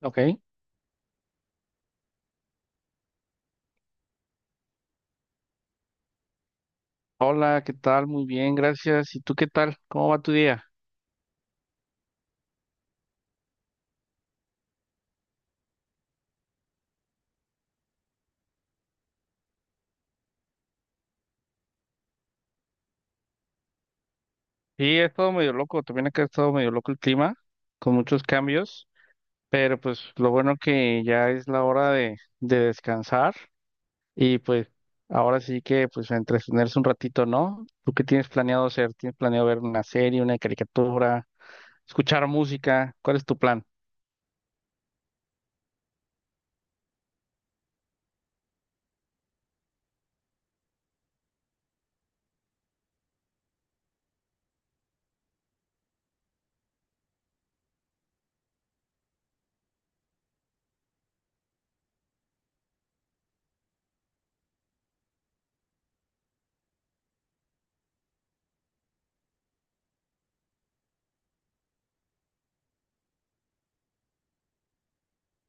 Ok. Hola, ¿qué tal? Muy bien, gracias. ¿Y tú qué tal? ¿Cómo va tu día? Sí, ha estado medio loco. También acá ha estado medio loco el clima, con muchos cambios. Pero pues lo bueno que ya es la hora de descansar. Y pues ahora sí que pues a entretenerse un ratito, ¿no? ¿Tú qué tienes planeado hacer? ¿Tienes planeado ver una serie, una caricatura, escuchar música? ¿Cuál es tu plan?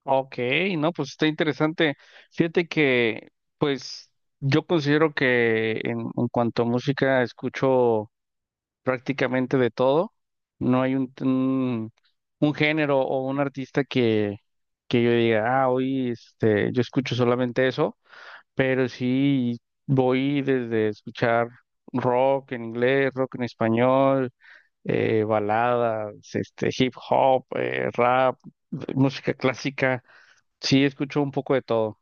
Ok, no, pues está interesante. Fíjate que, pues, yo considero que en cuanto a música escucho prácticamente de todo. No hay un género o un artista que yo diga, ah, hoy yo escucho solamente eso, pero sí voy desde escuchar rock en inglés, rock en español, baladas, hip hop, rap, música clásica. Sí, escucho un poco de todo.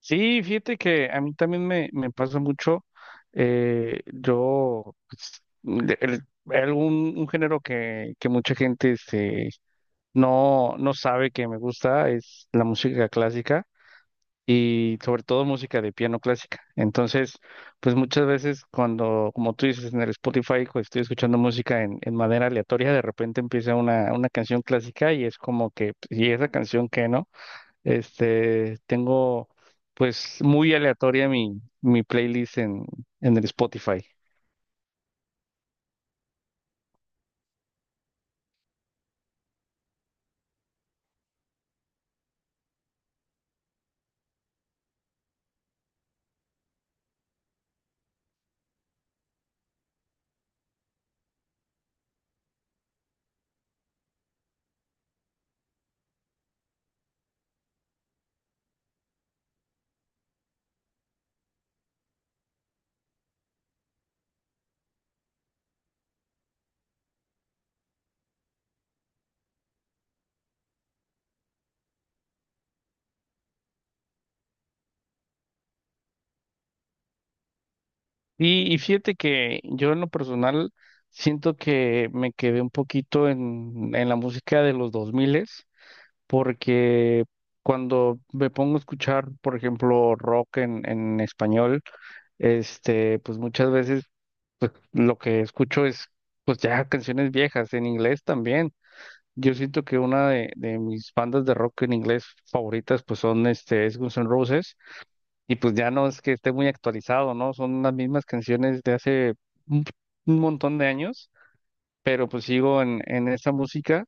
Sí, fíjate que a mí también me pasa mucho. Yo, pues, de- el- algún un género que mucha gente no, no sabe que me gusta es la música clásica y sobre todo música de piano clásica. Entonces, pues muchas veces cuando, como tú dices, en el Spotify, pues, estoy escuchando música en manera aleatoria, de repente empieza una canción clásica y es como que, pues, ¿y esa canción qué, no? Tengo pues muy aleatoria mi playlist en el Spotify. Y fíjate que yo en lo personal siento que me quedé un poquito en la música de los 2000 porque cuando me pongo a escuchar, por ejemplo, rock en español, pues muchas veces pues, lo que escucho es pues ya canciones viejas en inglés también. Yo siento que una de mis bandas de rock en inglés favoritas pues son este es Guns N' Roses y pues ya no es que esté muy actualizado, ¿no? Son las mismas canciones de hace un, un montón de años, pero pues sigo en esa música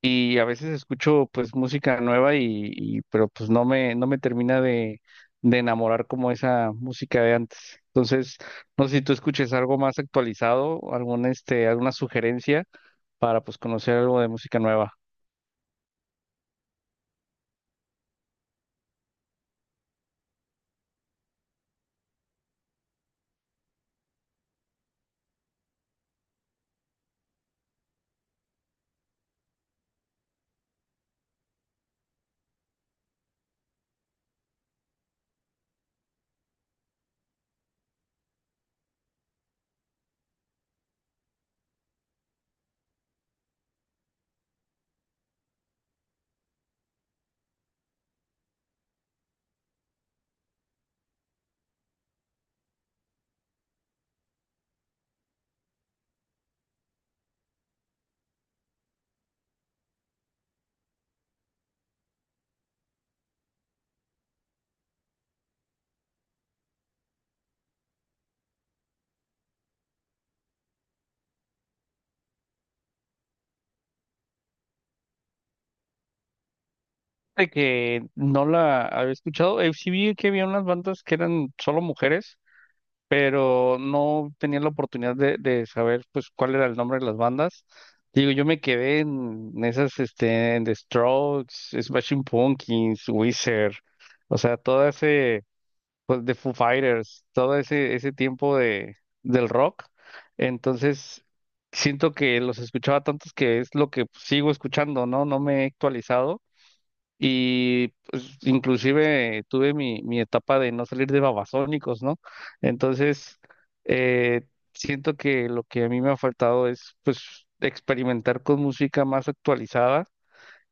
y a veces escucho pues música nueva pero pues no me termina de enamorar como esa música de antes. Entonces, no sé si tú escuches algo más actualizado, algún este alguna sugerencia para pues conocer algo de música nueva. De que no la había escuchado. Sí vi que había unas bandas que eran solo mujeres, pero no tenía la oportunidad de saber pues cuál era el nombre de las bandas. Digo, yo me quedé en esas, en The Strokes, Smashing Pumpkins, Weezer, o sea, todo ese, pues, de Foo Fighters, todo ese, ese tiempo de, del rock. Entonces, siento que los escuchaba tantos que es lo que sigo escuchando, ¿no? No me he actualizado y pues, inclusive tuve mi etapa de no salir de babasónicos, ¿no? Entonces, eh, siento que lo que a mí me ha faltado es pues experimentar con música más actualizada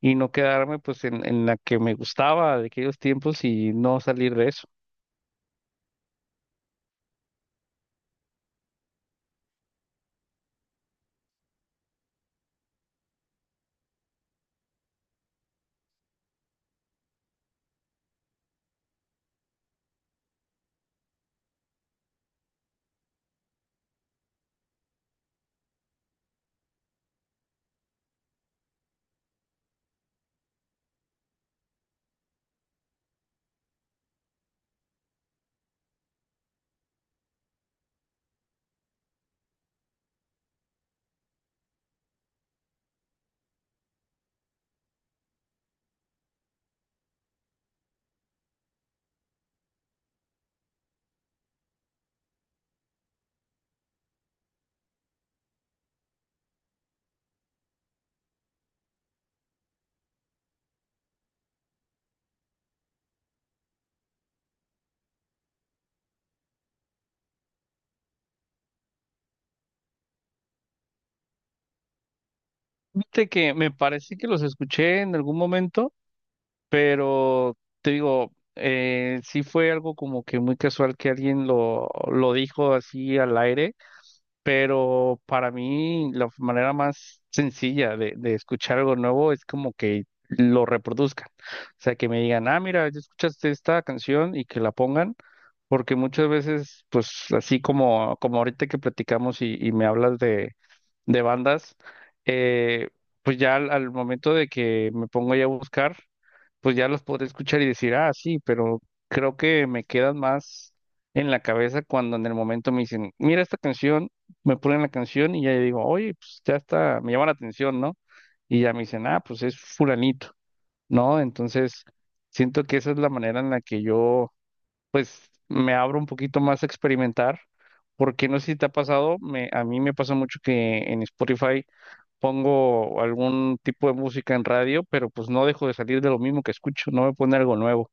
y no quedarme pues en la que me gustaba de aquellos tiempos y no salir de eso. Fíjate que me parece que los escuché en algún momento, pero te digo, sí fue algo como que muy casual que alguien lo dijo así al aire. Pero para mí la manera más sencilla de escuchar algo nuevo es como que lo reproduzcan. O sea, que me digan, ah, mira, ya escuchaste esta canción y que la pongan, porque muchas veces, pues así como, como ahorita que platicamos y me hablas de bandas, eh, pues ya al momento de que me pongo ya a buscar pues ya los podré escuchar y decir, ah, sí, pero creo que me quedan más en la cabeza cuando en el momento me dicen, mira esta canción, me ponen la canción y ya yo digo, oye, pues ya está, me llama la atención, ¿no? Y ya me dicen, ah, pues es fulanito, ¿no? Entonces, siento que esa es la manera en la que yo, pues, me abro un poquito más a experimentar, porque no sé si te ha pasado, a mí me pasa mucho que en Spotify pongo algún tipo de música en radio, pero pues no dejo de salir de lo mismo que escucho, no me pone algo nuevo.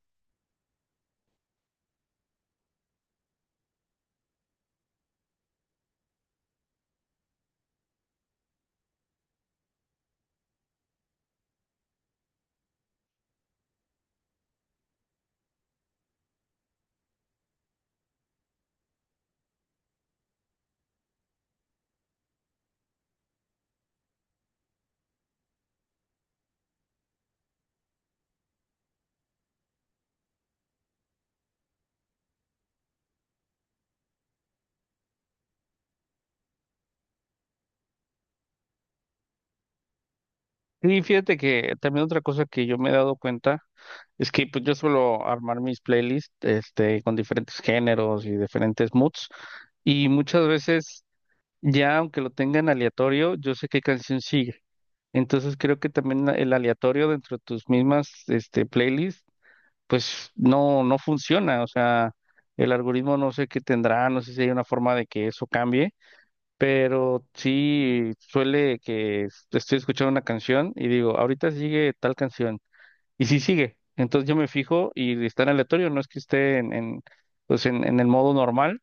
Y fíjate que también otra cosa que yo me he dado cuenta es que pues yo suelo armar mis playlists con diferentes géneros y diferentes moods y muchas veces ya aunque lo tenga en aleatorio, yo sé qué canción sigue. Entonces creo que también el aleatorio dentro de tus mismas playlists pues no, no funciona, o sea, el algoritmo no sé qué tendrá, no sé si hay una forma de que eso cambie. Pero sí suele que estoy escuchando una canción y digo, ahorita sigue tal canción. Y sí sigue. Entonces yo me fijo y está en aleatorio, no es que esté pues en el modo normal.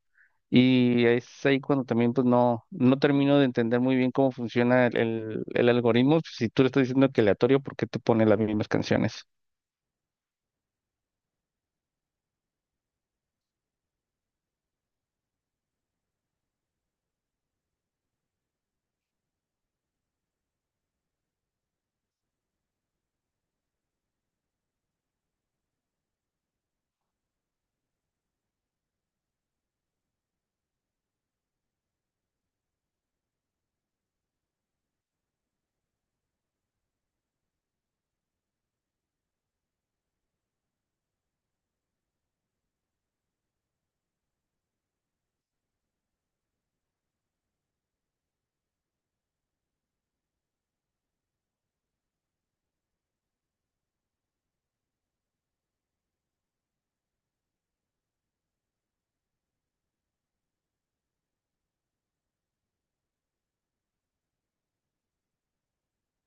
Y es ahí cuando también pues no, no termino de entender muy bien cómo funciona el algoritmo. Pues, si tú le estás diciendo que aleatorio, ¿por qué te pone las mismas canciones?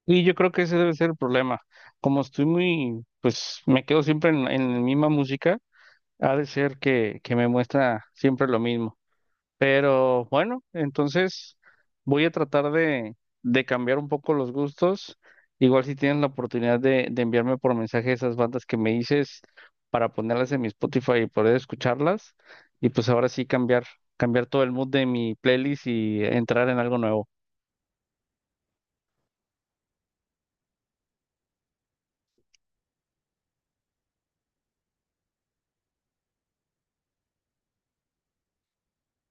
Y yo creo que ese debe ser el problema. Como estoy muy, pues me quedo siempre en la misma música. Ha de ser que me muestra siempre lo mismo. Pero bueno, entonces voy a tratar de cambiar un poco los gustos. Igual si tienes la oportunidad de enviarme por mensaje esas bandas que me dices para ponerlas en mi Spotify y poder escucharlas. Y pues ahora sí cambiar, cambiar todo el mood de mi playlist y entrar en algo nuevo.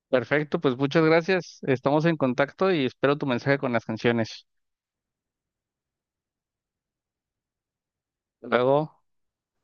Perfecto, pues muchas gracias. Estamos en contacto y espero tu mensaje con las canciones. Hasta luego.